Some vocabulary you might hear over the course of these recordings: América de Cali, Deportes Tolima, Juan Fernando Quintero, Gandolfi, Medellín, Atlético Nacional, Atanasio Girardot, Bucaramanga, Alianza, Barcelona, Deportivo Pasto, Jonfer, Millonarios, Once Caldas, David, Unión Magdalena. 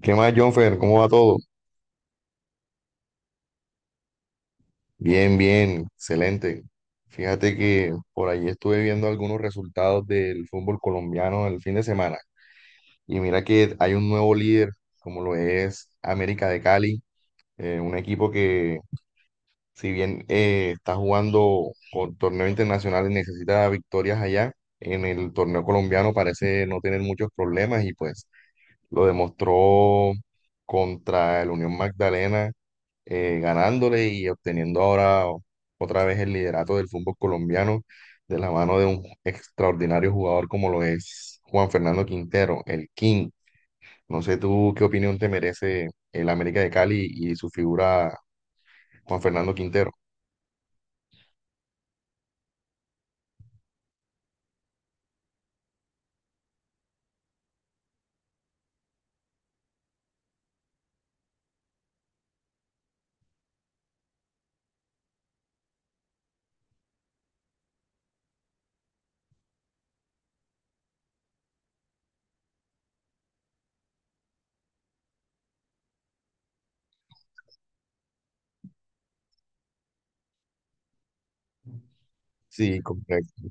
¿Qué más, Jonfer? ¿Cómo va todo? Bien, bien, excelente. Fíjate que por ahí estuve viendo algunos resultados del fútbol colombiano el fin de semana. Y mira que hay un nuevo líder, como lo es América de Cali, un equipo que, si bien está jugando con torneo internacional y necesita victorias allá, en el torneo colombiano parece no tener muchos problemas y pues lo demostró contra el Unión Magdalena, ganándole y obteniendo ahora otra vez el liderato del fútbol colombiano de la mano de un extraordinario jugador como lo es Juan Fernando Quintero, el King. No sé tú qué opinión te merece el América de Cali y su figura Juan Fernando Quintero. Sí, correcto.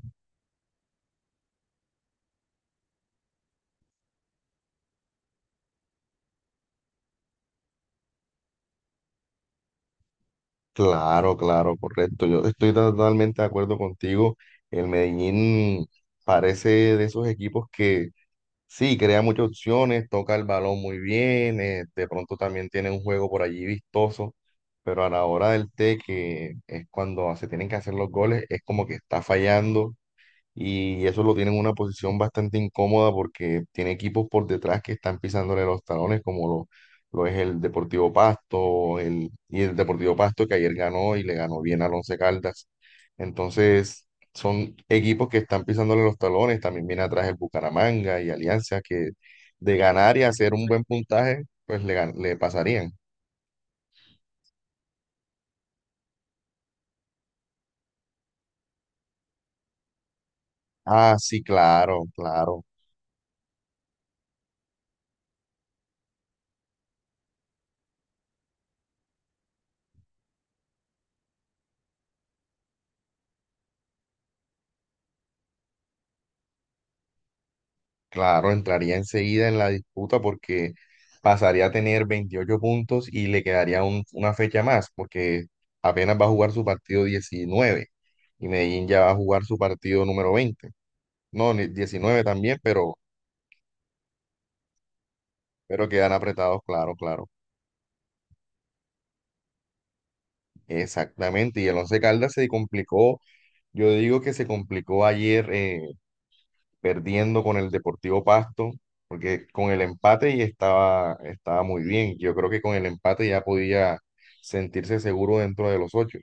Claro, claro, correcto. Yo estoy totalmente de acuerdo contigo. El Medellín parece de esos equipos que, sí, crea muchas opciones, toca el balón muy bien, de pronto también tiene un juego por allí vistoso, pero a la hora del té, que es cuando se tienen que hacer los goles, es como que está fallando y eso lo tiene en una posición bastante incómoda porque tiene equipos por detrás que están pisándole los talones, como lo es el Deportivo Pasto, y el Deportivo Pasto que ayer ganó y le ganó bien al Once Caldas. Entonces, son equipos que están pisándole los talones, también viene atrás el Bucaramanga y Alianza que de ganar y hacer un buen puntaje, pues le pasarían. Ah, sí, claro, claro. Claro, entraría enseguida en la disputa porque pasaría a tener 28 puntos y le quedaría una fecha más porque apenas va a jugar su partido 19 y Medellín ya va a jugar su partido número 20. No, 19 también, pero quedan apretados, claro, claro. Exactamente. Y el Once Caldas se complicó, yo digo que se complicó ayer, perdiendo con el Deportivo Pasto, porque con el empate y estaba muy bien. Yo creo que con el empate ya podía sentirse seguro dentro de los ocho.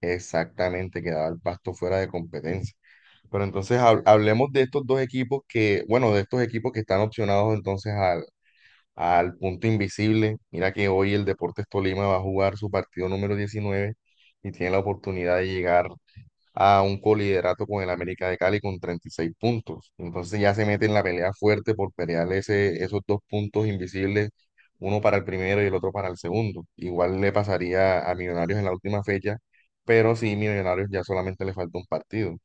Exactamente, quedaba el Pasto fuera de competencia. Pero entonces hablemos de estos dos equipos que, bueno, de estos equipos que están opcionados entonces al punto invisible. Mira que hoy el Deportes Tolima va a jugar su partido número 19 y tiene la oportunidad de llegar a un coliderato con el América de Cali con 36 puntos. Entonces ya se mete en la pelea fuerte por pelear esos dos puntos invisibles, uno para el primero y el otro para el segundo. Igual le pasaría a Millonarios en la última fecha, pero sí, Millonarios ya solamente le falta un partido.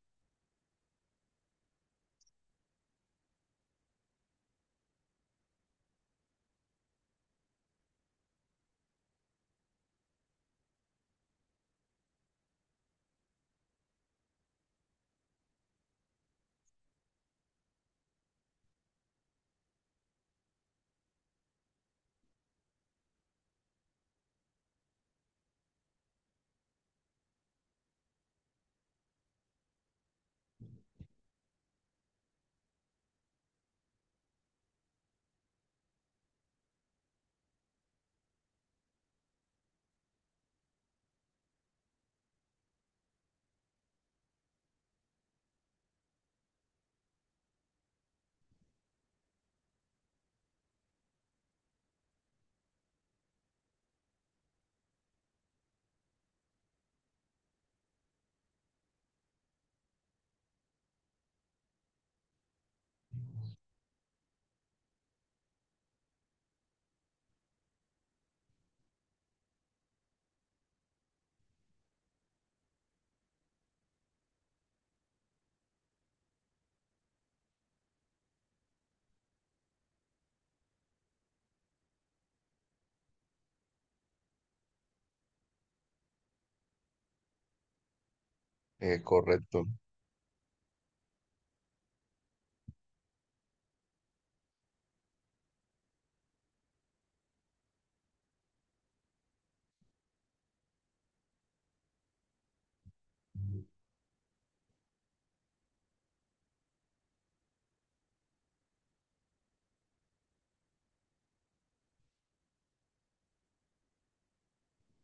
Es correcto,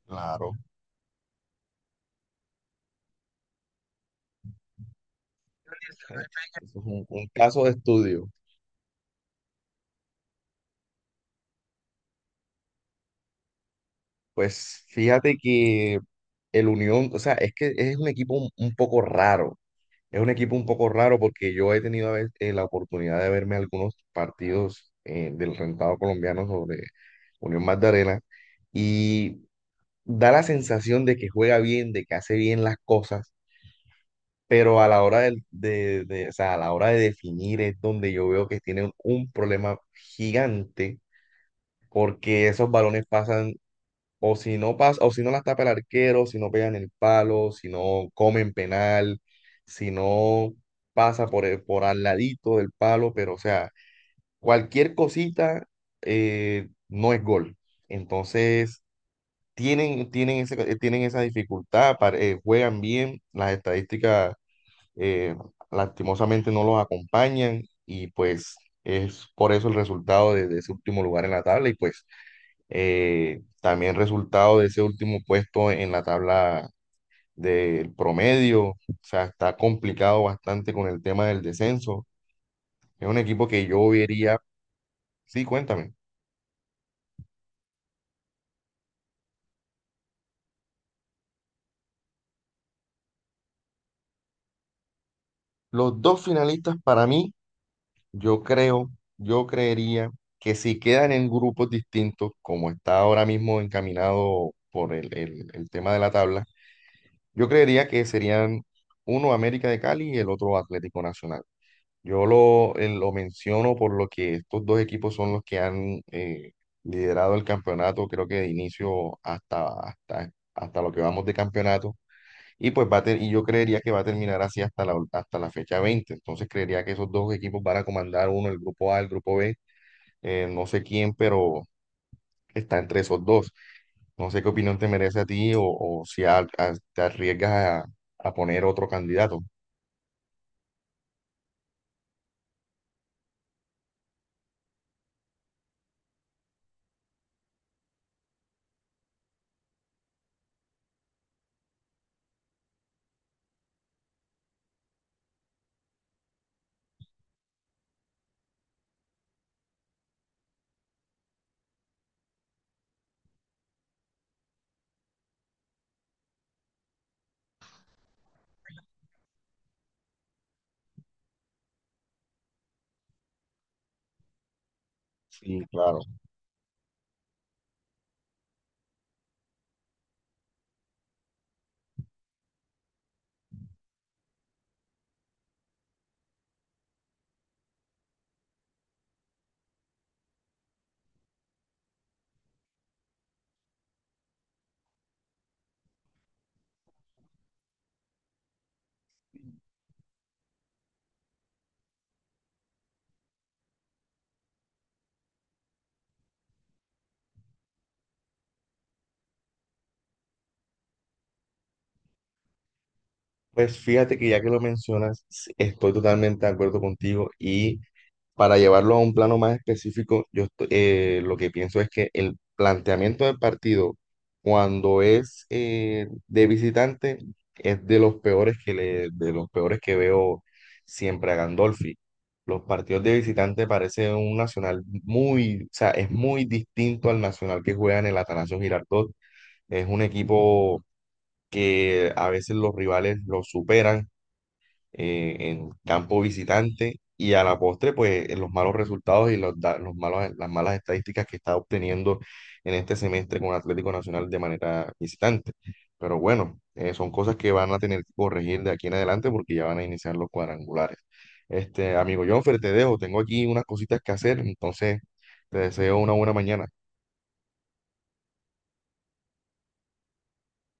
claro. Eso es un caso de estudio. Pues fíjate que el Unión, o sea, es que es un equipo un poco raro. Es un equipo un poco raro porque yo he tenido a veces, la oportunidad de verme algunos partidos, del rentado colombiano sobre Unión Magdalena y da la sensación de que juega bien, de que hace bien las cosas, pero a la hora o sea, a la hora de definir es donde yo veo que tienen un problema gigante porque esos balones pasan o si no pasa, o si no la tapa el arquero, si no pegan el palo, si no comen penal, si no pasa por al ladito del palo, pero o sea, cualquier cosita, no es gol. Entonces, tienen esa dificultad, juegan bien, las estadísticas, eh, lastimosamente no los acompañan y pues es por eso el resultado de ese último lugar en la tabla y pues, también resultado de ese último puesto en la tabla del promedio, o sea, está complicado bastante con el tema del descenso. Es un equipo que yo vería, sí, cuéntame. Los dos finalistas para mí, yo creo, yo creería que si quedan en grupos distintos, como está ahora mismo encaminado por el tema de la tabla, yo creería que serían uno América de Cali y el otro Atlético Nacional. Yo lo menciono por lo que estos dos equipos son los que han liderado el campeonato, creo que de inicio hasta lo que vamos de campeonato. Y pues y yo creería que va a terminar así hasta la fecha 20. Entonces creería que esos dos equipos van a comandar uno, el grupo A, el grupo B. No sé quién, pero está entre esos dos. No sé qué opinión te merece a ti o si te arriesgas a poner otro candidato. Sí, claro. Pues fíjate que ya que lo mencionas, sí, estoy totalmente de acuerdo contigo y para llevarlo a un plano más específico, yo lo que pienso es que el planteamiento del partido cuando es, de visitante es de los peores que veo siempre a Gandolfi. Los partidos de visitante parecen un Nacional muy, o sea, es muy distinto al Nacional que juega en el Atanasio Girardot. Es un equipo que a veces los rivales lo superan, en campo visitante y a la postre, pues los malos resultados y los, da- los malos, las malas estadísticas que está obteniendo en este semestre con Atlético Nacional de manera visitante. Pero bueno, son cosas que van a tener que corregir de aquí en adelante porque ya van a iniciar los cuadrangulares. Este, amigo Jonfer, te dejo, tengo aquí unas cositas que hacer, entonces te deseo una buena mañana.